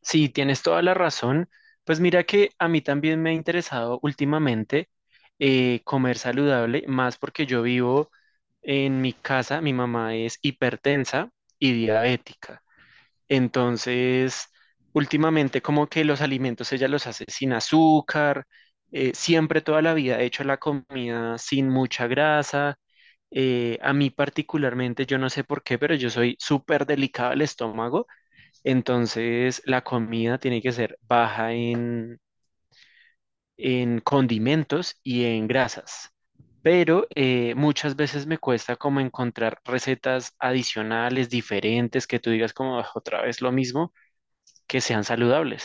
Sí, tienes toda la razón. Pues mira que a mí también me ha interesado últimamente comer saludable, más porque yo vivo en mi casa, mi mamá es hipertensa y diabética. Entonces, últimamente como que los alimentos ella los hace sin azúcar. Siempre toda la vida he hecho la comida sin mucha grasa. A mí particularmente, yo no sé por qué, pero yo soy súper delicado al estómago. Entonces, la comida tiene que ser baja en condimentos y en grasas. Pero muchas veces me cuesta como encontrar recetas adicionales, diferentes, que tú digas como "Ah, otra vez lo mismo", que sean saludables.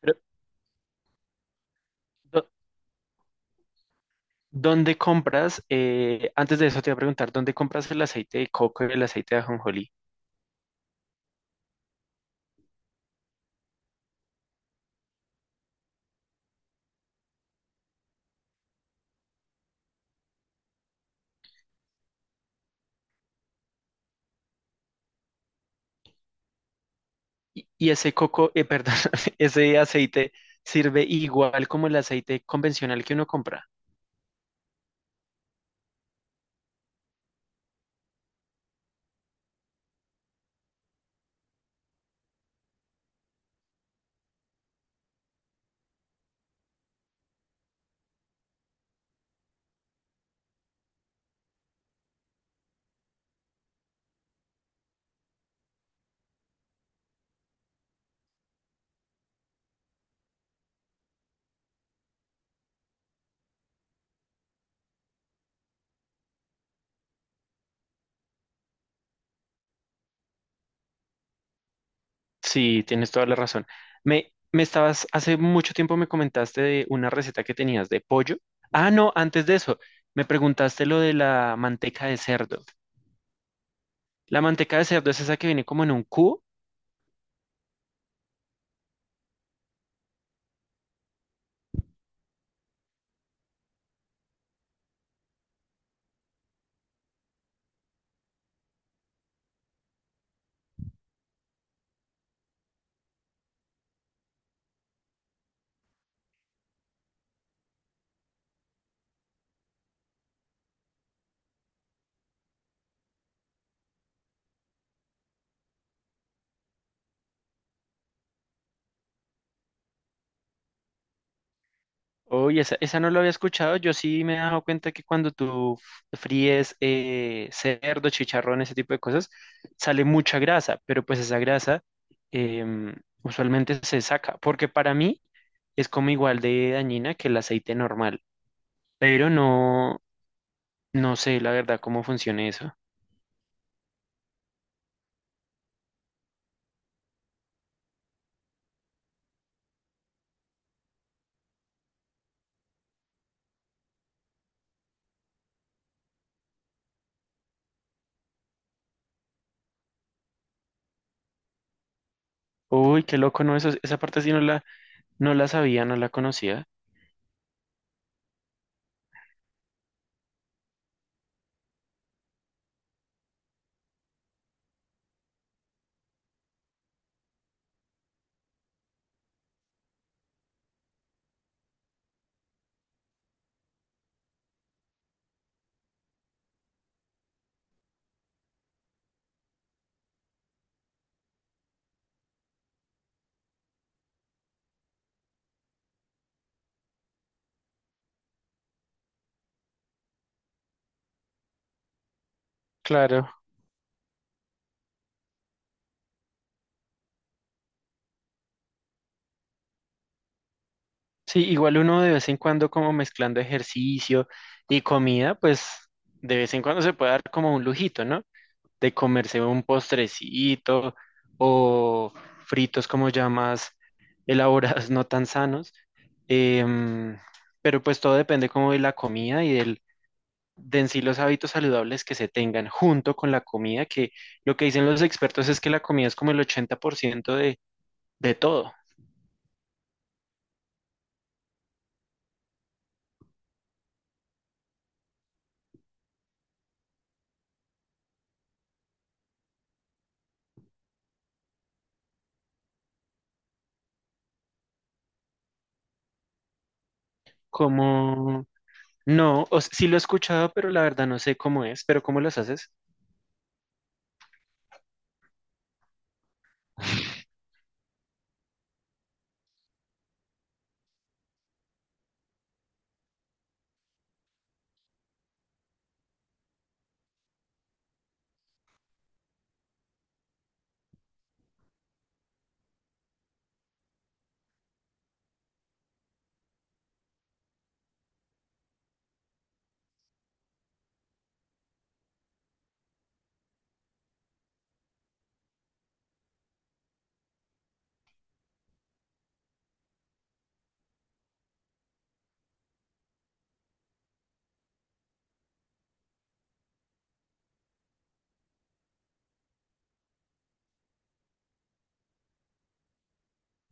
Pero, ¿dó- ¿dónde compras? Antes de eso te voy a preguntar, ¿dónde compras el aceite de coco y el aceite de ajonjolí? Y ese coco, perdón, ese aceite sirve igual como el aceite convencional que uno compra. Sí, tienes toda la razón. Me estabas, hace mucho tiempo me comentaste de una receta que tenías de pollo. Ah, no, antes de eso, me preguntaste lo de la manteca de cerdo. La manteca de cerdo es esa que viene como en un cubo. Oye, esa no lo había escuchado. Yo sí me he dado cuenta que cuando tú fríes cerdo, chicharrón, ese tipo de cosas, sale mucha grasa, pero pues esa grasa em, usualmente se saca, porque para mí es como igual de dañina que el aceite normal. Pero no, no sé la verdad cómo funciona eso. Uy, qué loco, no, eso, esa parte sí no la, no la sabía, no la conocía. Claro. Sí, igual uno de vez en cuando como mezclando ejercicio y comida, pues de vez en cuando se puede dar como un lujito, ¿no? De comerse un postrecito o fritos como ya más elaborados, no tan sanos. Em, pero pues todo depende como de la comida y del de en sí los hábitos saludables que se tengan junto con la comida, que lo que dicen los expertos es que la comida es como el 80% de todo. Como, no, sí lo he escuchado, pero la verdad no sé cómo es, pero ¿cómo los haces?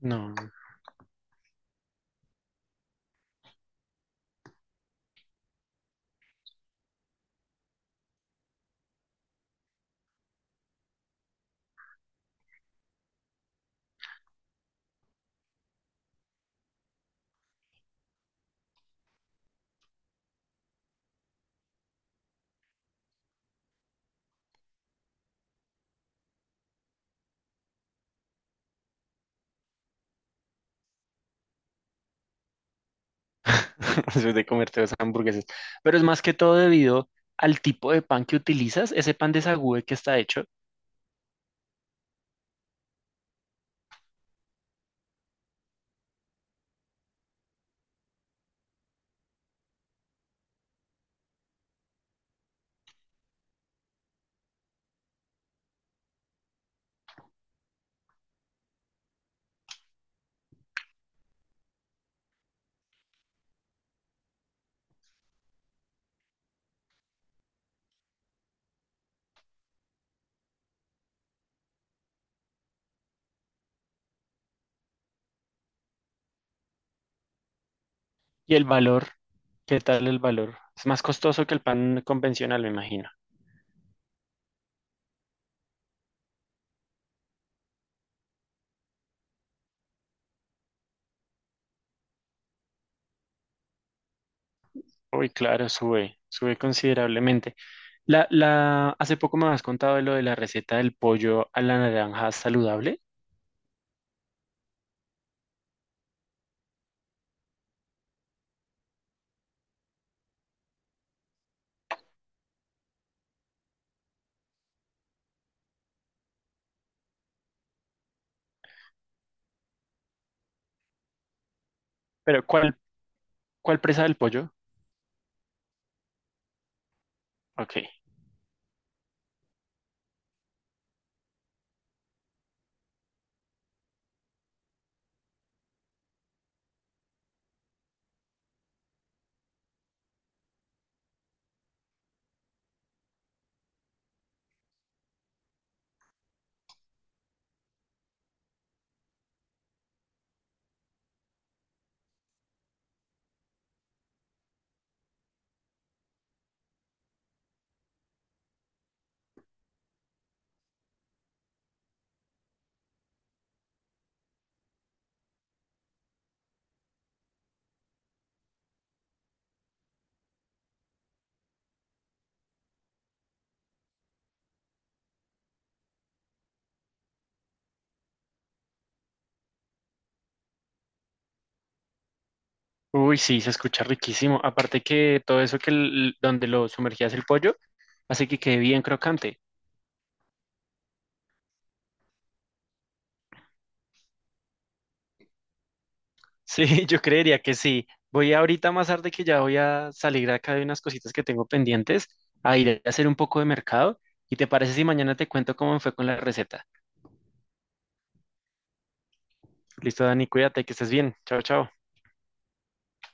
No, soy de comerte dos hamburguesas. Pero es más que todo debido al tipo de pan que utilizas, ese pan de sagú que está hecho, y el valor. ¿Qué tal el valor? Es más costoso que el pan convencional, me imagino. Uy, claro, sube, sube considerablemente. Hace poco me habías contado de lo de la receta del pollo a la naranja saludable, pero ¿cuál presa del pollo? Ok. Uy, sí, se escucha riquísimo. Aparte que todo eso que el- donde lo sumergías el pollo hace que quede bien crocante. Sí, yo creería que sí. Voy ahorita más tarde, que ya voy a salir acá de unas cositas que tengo pendientes, a ir a hacer un poco de mercado. ¿Y te parece si mañana te cuento cómo me fue con la receta? Listo, Dani, cuídate, que estés bien. Chao, chao.